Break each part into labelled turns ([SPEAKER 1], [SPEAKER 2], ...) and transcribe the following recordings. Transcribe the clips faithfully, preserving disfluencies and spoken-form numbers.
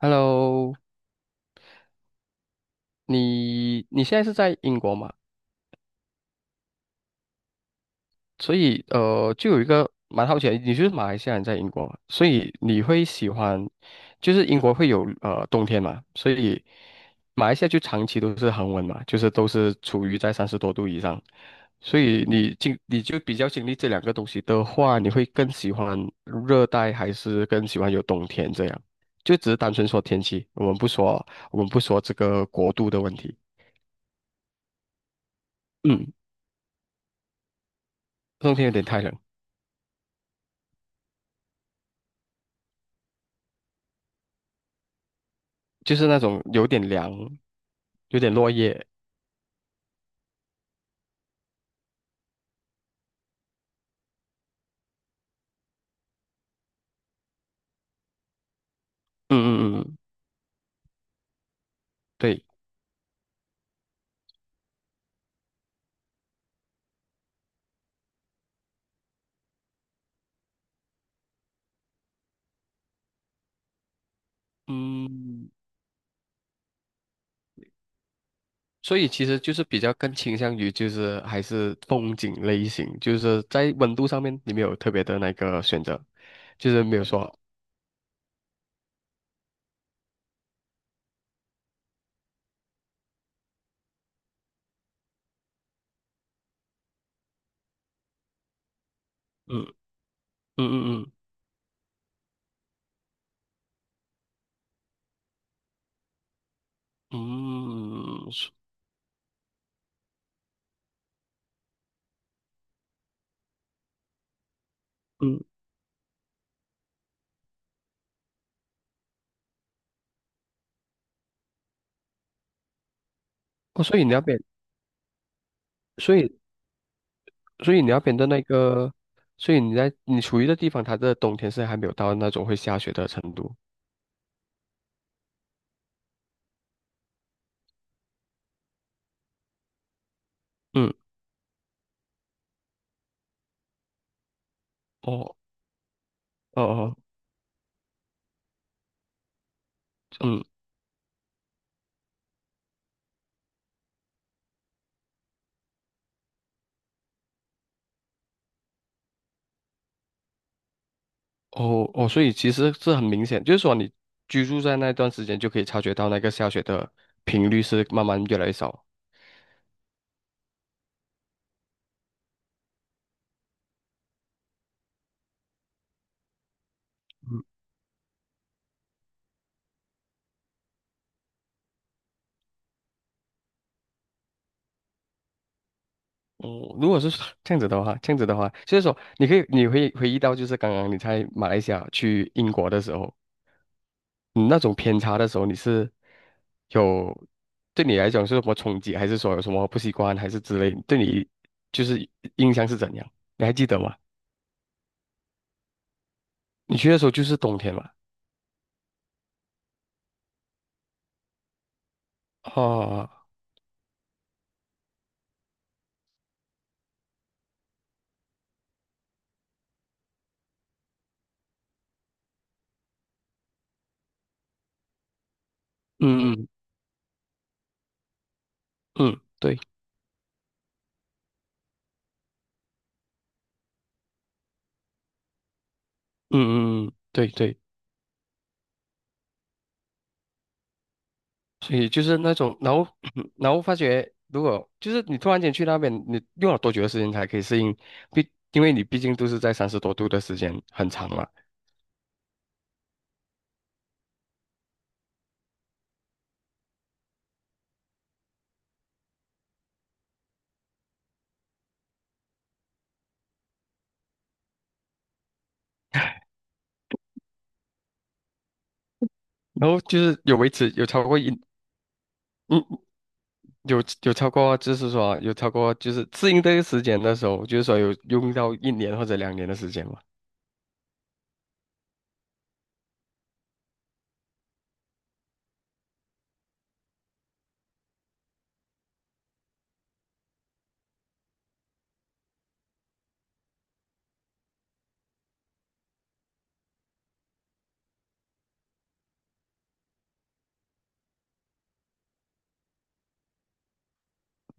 [SPEAKER 1] Hello，你你现在是在英国嘛？所以呃，就有一个蛮好奇的你就是马来西亚人在英国嘛，所以你会喜欢，就是英国会有呃冬天嘛，所以马来西亚就长期都是恒温嘛，就是都是处于在三十多度以上，所以你经你就比较经历这两个东西的话，你会更喜欢热带还是更喜欢有冬天这样？就只是单纯说天气，我们不说我们不说这个国度的问题。嗯。冬天有点太冷，就是那种有点凉，有点落叶。嗯嗯嗯，对，嗯，所以其实就是比较更倾向于就是还是风景类型，就是在温度上面你没有特别的那个选择，就是没有说，嗯嗯嗯嗯嗯所嗯，哦，所以你那边，所以所以你那边的那个，所以你在你处于的地方，它的冬天是还没有到那种会下雪的程度。嗯，哦哦哦，嗯。哦哦，所以其实是很明显，就是说你居住在那段时间就可以察觉到那个下雪的频率是慢慢越来越少。嗯哦，如果是这样子的话，这样子的话，就是说你可以你会回忆到，就是刚刚你在马来西亚去英国的时候，你那种偏差的时候，你是有对你来讲是有什么冲击，还是说有什么不习惯，还是之类，对你就是印象是怎样？你还记得吗？你去的时候就是冬天嘛？哦，嗯嗯嗯，对。嗯嗯嗯，对对，所以就是那种，然后 然后发觉，如果就是你突然间去那边，你用了多久的时间才可以适应？毕因为你毕竟都是在三十多度的时间很长嘛，然后就是有维持有超过一嗯有有超过就是说有超过就是适应这个时间的时候，就是说有用到一年或者两年的时间嘛。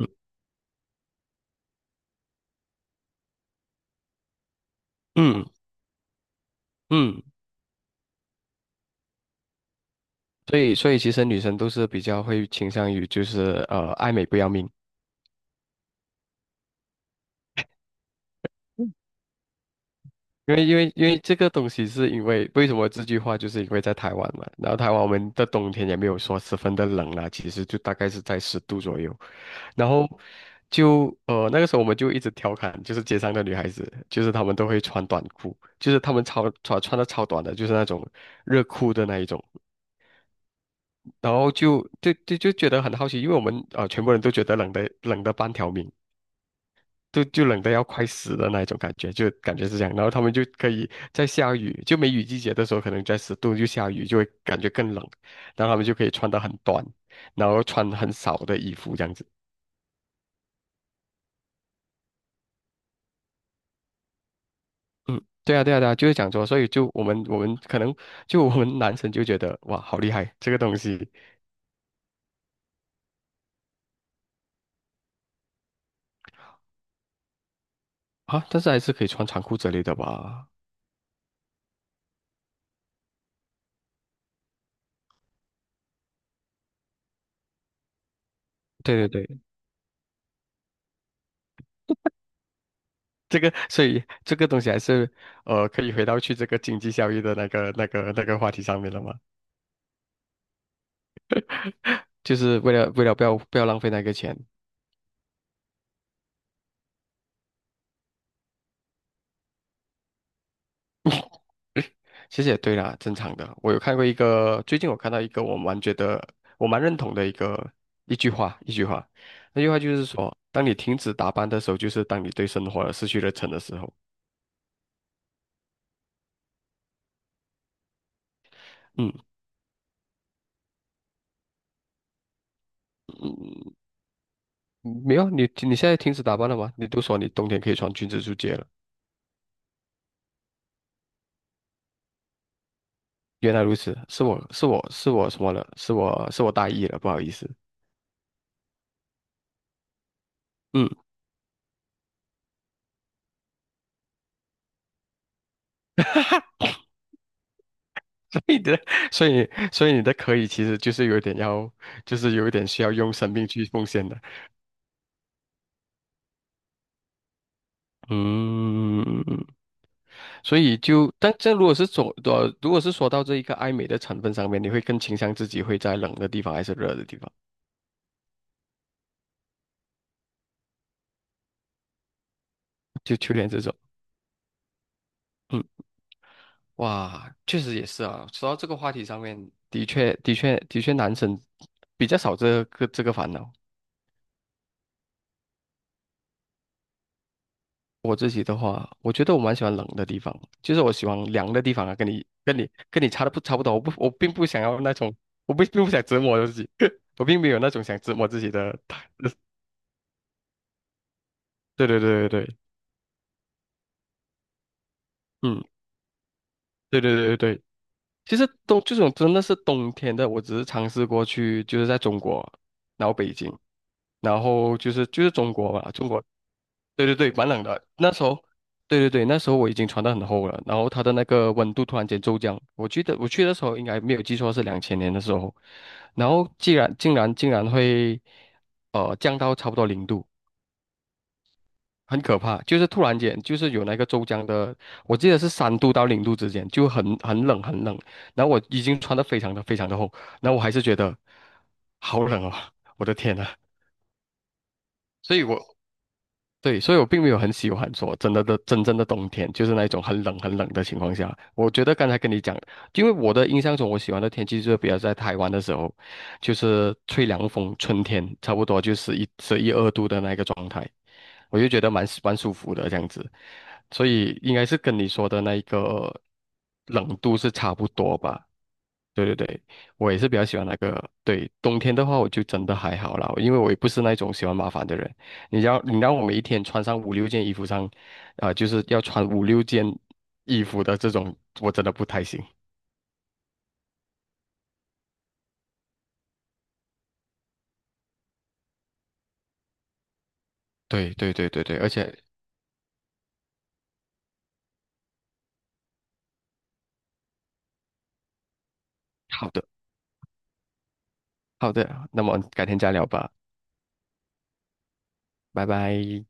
[SPEAKER 1] 嗯嗯嗯，所以所以其实女生都是比较会倾向于就是呃爱美不要命。因为因为因为这个东西是因为为什么这句话就是因为在台湾嘛，然后台湾我们的冬天也没有说十分的冷啦，其实就大概是在十度左右，然后就呃那个时候我们就一直调侃，就是街上的女孩子，就是她们都会穿短裤，就是她们超穿穿的超短的，就是那种热裤的那一种，然后就就就就觉得很好奇，因为我们呃全部人都觉得冷的冷的半条命，就就冷得要快死的那一种感觉，就感觉是这样。然后他们就可以在下雨，就梅雨季节的时候，可能在十度就下雨，就会感觉更冷。然后他们就可以穿得很短，然后穿很少的衣服这样子。嗯，对啊，对啊，对啊，就是讲说，所以就我们我们可能就我们男生就觉得哇，好厉害这个东西啊，但是还是可以穿长裤之类的吧。对对对，这个，所以这个东西还是，呃，可以回到去这个经济效益的那个、那个、那个话题上面了嘛？就是为了为了不要不要浪费那个钱，其实也对啦，正常的。我有看过一个，最近我看到一个我蛮觉得我蛮认同的一个一句话，一句话，那句话就是说，当你停止打扮的时候，就是当你对生活失去了忱的时候。嗯嗯，没有，你你现在停止打扮了吗？你都说你冬天可以穿裙子出街了，原来如此，是我是我是我什么了？是我是我大意了，不好意思。嗯。你的，所以所以你的可以其实就是有点要，就是有一点需要用生命去奉献的。嗯，所以就，但这如果是说，呃，如果是说到这一个爱美的成分上面，你会更倾向自己会在冷的地方还是热的地方？就秋天这种，嗯，哇，确实也是啊。说到这个话题上面，的确，的确，的确，男生比较少这个这个烦恼。我自己的话，我觉得我蛮喜欢冷的地方，就是我喜欢凉的地方啊，跟你跟你跟你差的不差不多。我不我并不想要那种，我不并不想折磨我自己，我并没有那种想折磨自己的。对对对对对，嗯，对对对对对。其实冬这种真的是冬天的，我只是尝试过去，就是在中国，然后北京，然后就是就是中国吧，中国对对对，蛮冷的。那时候，对对对，那时候我已经穿得很厚了，然后它的那个温度突然间骤降。我记得我去的时候应该没有记错是两千年的时候，然后竟然竟然竟然会呃降到差不多零度，很可怕。就是突然间就是有那个骤降的，我记得是三度到零度之间，就很很冷很冷。然后我已经穿得非常的非常的厚，然后我还是觉得好冷哦，我的天呐！所以我对，所以我并没有很喜欢说真的的真正的冬天，就是那一种很冷很冷的情况下。我觉得刚才跟你讲，因为我的印象中，我喜欢的天气就是比较在台湾的时候，就是吹凉风，春天差不多就是一十一二度的那个状态，我就觉得蛮蛮舒服的这样子。所以应该是跟你说的那一个冷度是差不多吧。对对对，我也是比较喜欢那个。对，冬天的话，我就真的还好啦，因为我也不是那种喜欢麻烦的人。你要你让我每一天穿上五六件衣服上，啊、就是要穿五六件衣服的这种，我真的不太行。对对对对对，而且好的好的，那么改天再聊吧，拜拜。